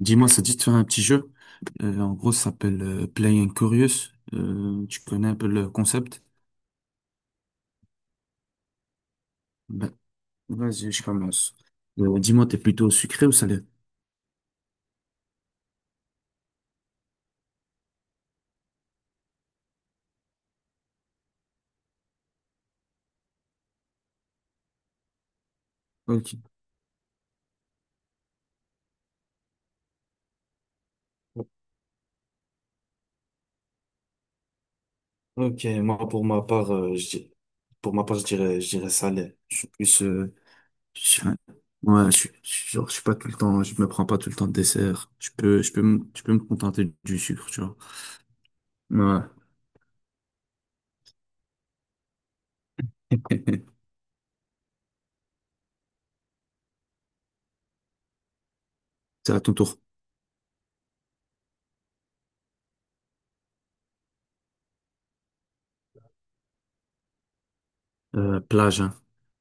Dis-moi, ça te dit de faire un petit jeu. En gros, ça s'appelle Play and Curious. Tu connais un peu le concept? Ben, vas-y, je commence. Dis-moi, t'es plutôt sucré ou salé? Ok. Ok, moi pour ma part, pour ma part, je dirais salé. Je suis plus, je suis un- ouais, je suis genre, je suis pas tout le temps. Je me prends pas tout le temps de dessert. Je peux me contenter du sucre, tu vois. Ouais. C'est à ton tour. Plage, hein.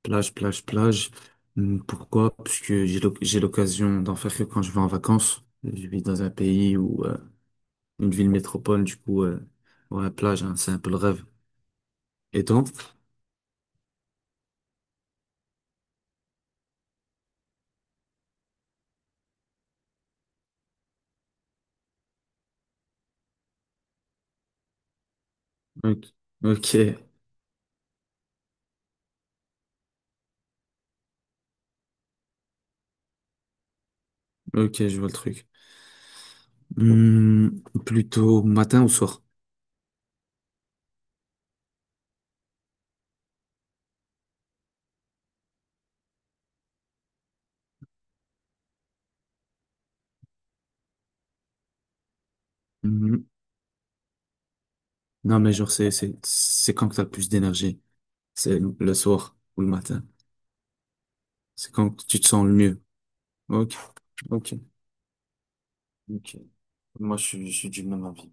Plage, plage, plage. Pourquoi? Parce que j'ai l'occasion d'en faire que quand je vais en vacances. Je vis dans un pays ou une ville métropole, du coup, ouais, plage, hein, c'est un peu le rêve. Et toi? Ok, ok, ok, je vois le truc. Plutôt matin ou soir? Hum, Non, mais genre, c'est quand que t'as le plus d'énergie? C'est le soir ou le matin? C'est quand que tu te sens le mieux? Ok, ok, ok. Moi, je suis du même avis.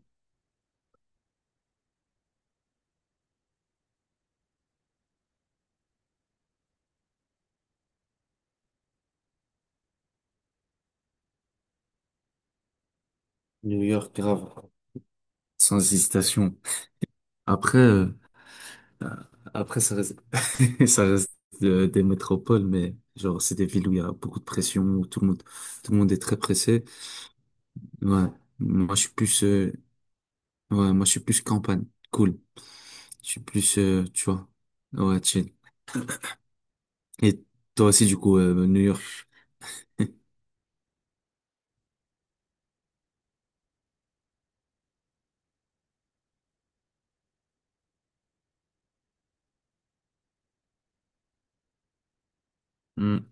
New York, grave. Sans hésitation. Après, ça reste, ça reste des métropoles, mais genre c'est des villes où il y a beaucoup de pression, où tout le monde est très pressé. Ouais. Moi je suis plus, euh, ouais, moi je suis plus campagne. Cool. Je suis plus, tu vois, ouais, chill. Et toi aussi du coup, New York. Hmm.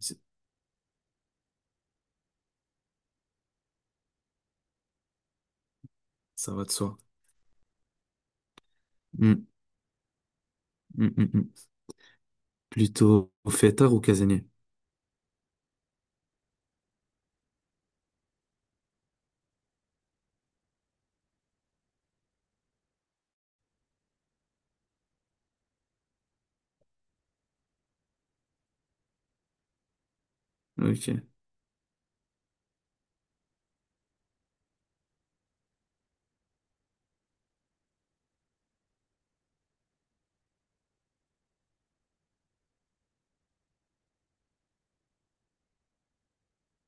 C'est- Ça va de soi. Hmm. Hmm, hmm, hmm. Plutôt fêtard ou casanier? Ok,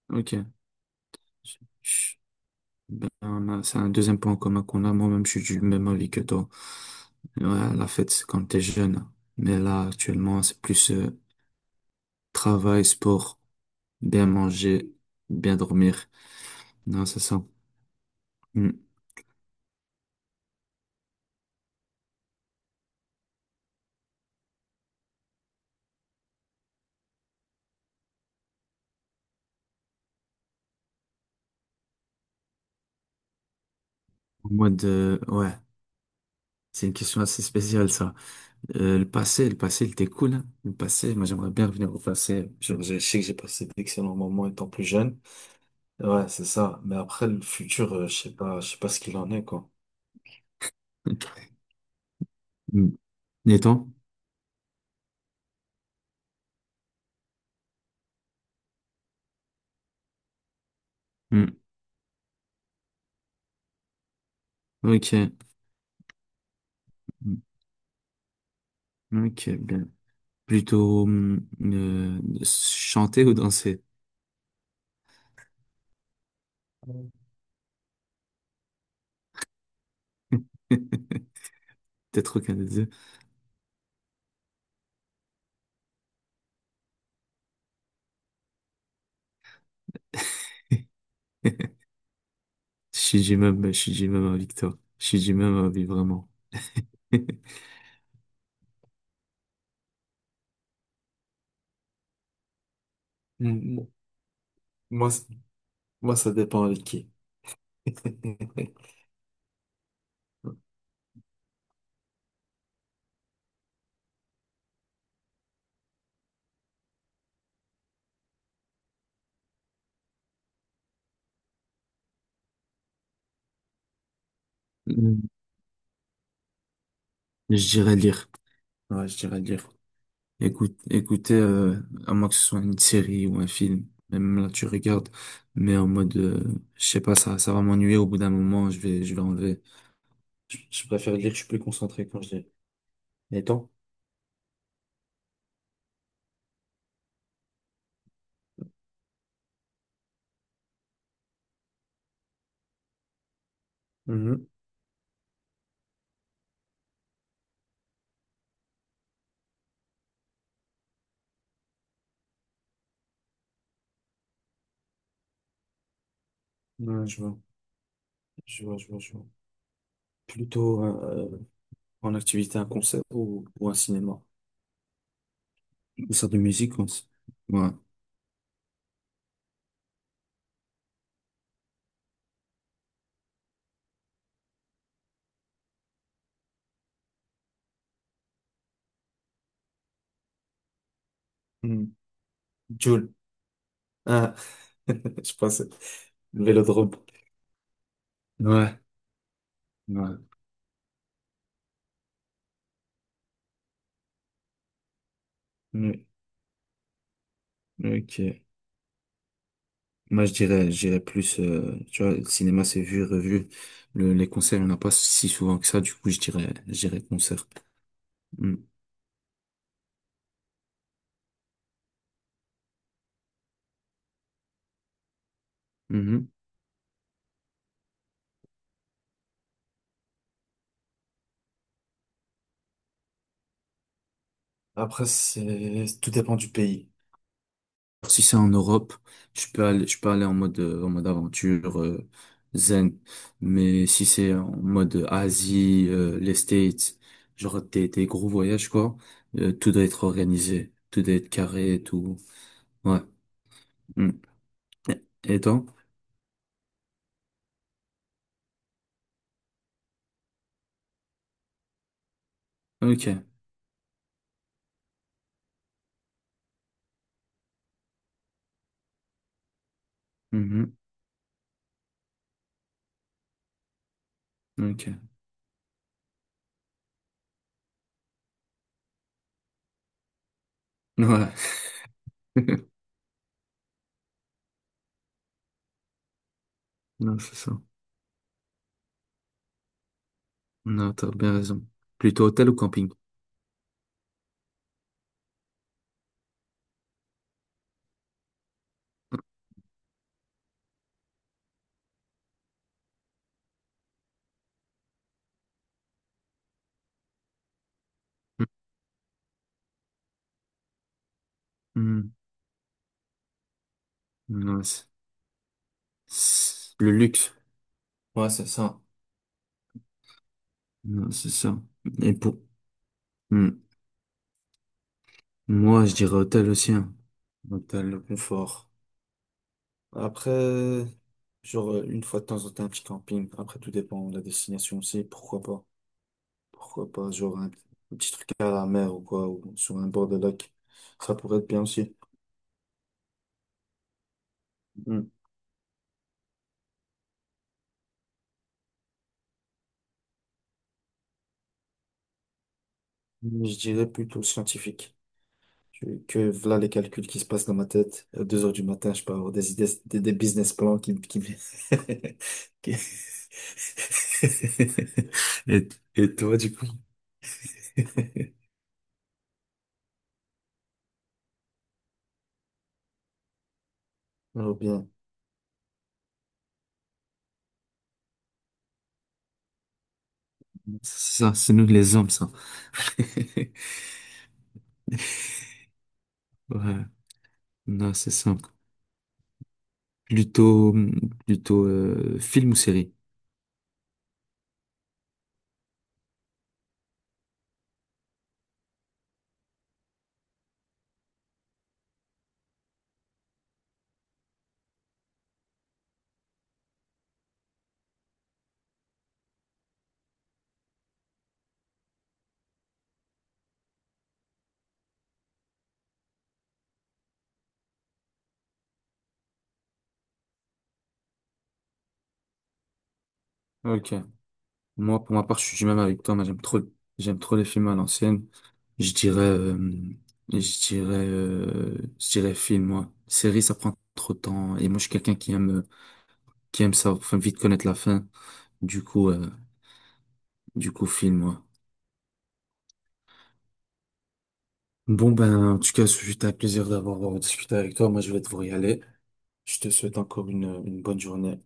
ok. Ben, ben, c'est un deuxième point commun qu'on a. Moi-même, je suis du même avis que toi. Ouais, la fête, c'est quand t'es jeune. Mais là, actuellement, c'est plus travail, sport, bien manger, bien dormir. Non, c'est ça. Hmm. En mode, ouais, c'est une question assez spéciale, ça. Le passé, le passé, il était cool, hein. Le passé, moi, j'aimerais bien revenir au passé. Genre, je sais que j'ai passé d'excellents moments étant plus jeune. Ouais, c'est ça. Mais après, le futur, je sais pas ce qu'il en est, quoi. Hmm. Et toi? Ok. Mm. Ok, bien. Plutôt chanter ou danser? Peut-être aucun des deux. Je suis du même avis que toi. Je suis du même avis, vraiment. Mm, Moi, c- moi, ça dépend avec qui. Mm. Je dirais lire. Ouais, je dirais lire. Écoutez, à moins que ce soit une série ou un film, même là tu regardes, mais en mode, je sais pas, ça va m'ennuyer au bout d'un moment, je vais enlever. Je préfère lire, je suis plus concentré quand je lis. Et toi? Mhm. Ouais, je vois. Je vois, je vois, je vois. Plutôt en activité un concert ou un cinéma. Ou ça de musique aussi. Ouais. Mhm. Jul. Ah, je pense le vélodrome. Ouais, ouais. Oui, ok. Moi, je dirais plus, tu vois, le cinéma, c'est vu, revu. Les concerts, il n'y en a pas si souvent que ça. Du coup, je dirais concert. Mm. Mhm. Après, tout dépend du pays. Si c'est en Europe, je peux aller en mode aventure, zen. Mais si c'est en mode Asie, les States, genre des gros voyages, quoi, tout doit être organisé, tout doit être carré, et tout. Ouais. Mm. Et et toi? Ok. Mhm. Ok. Ouais. Non, c'est ça. Non, t'as bien raison. Plutôt hôtel ou camping? Mhm. Non, Le luxe. Ouais, c'est ça. Non, c'est ça. Et pour... mm. Moi, je dirais hôtel aussi, hein. Hôtel, le confort. Après, genre, une fois de temps en temps, un petit camping. Après, tout dépend de la destination aussi. Pourquoi pas? Pourquoi pas? Genre, un petit truc à la mer ou quoi, ou sur un bord de lac. Ça pourrait être bien aussi. Mm. Je dirais plutôt scientifique. Que voilà les calculs qui se passent dans ma tête. À 2 heures du matin, je peux avoir des idées, des business plans. Qui- Et, et toi, du coup? Oh, bien. C'est ça, c'est nous les hommes, ça. Ouais, non, c'est simple. Plutôt, plutôt film ou série? Ok. Moi, pour ma part, je suis du même avec toi. Moi, j'aime trop les films à l'ancienne. Je dirais, euh, je dirais film, moi. Série, ça prend trop de temps. Et moi, je suis quelqu'un qui aime ça, enfin, vite connaître la fin. Du coup, euh, du coup, film, moi. Bon, ben, en tout cas, c'était un plaisir d'avoir discuté avec toi. Moi, je vais devoir y aller. Je te souhaite encore une bonne journée.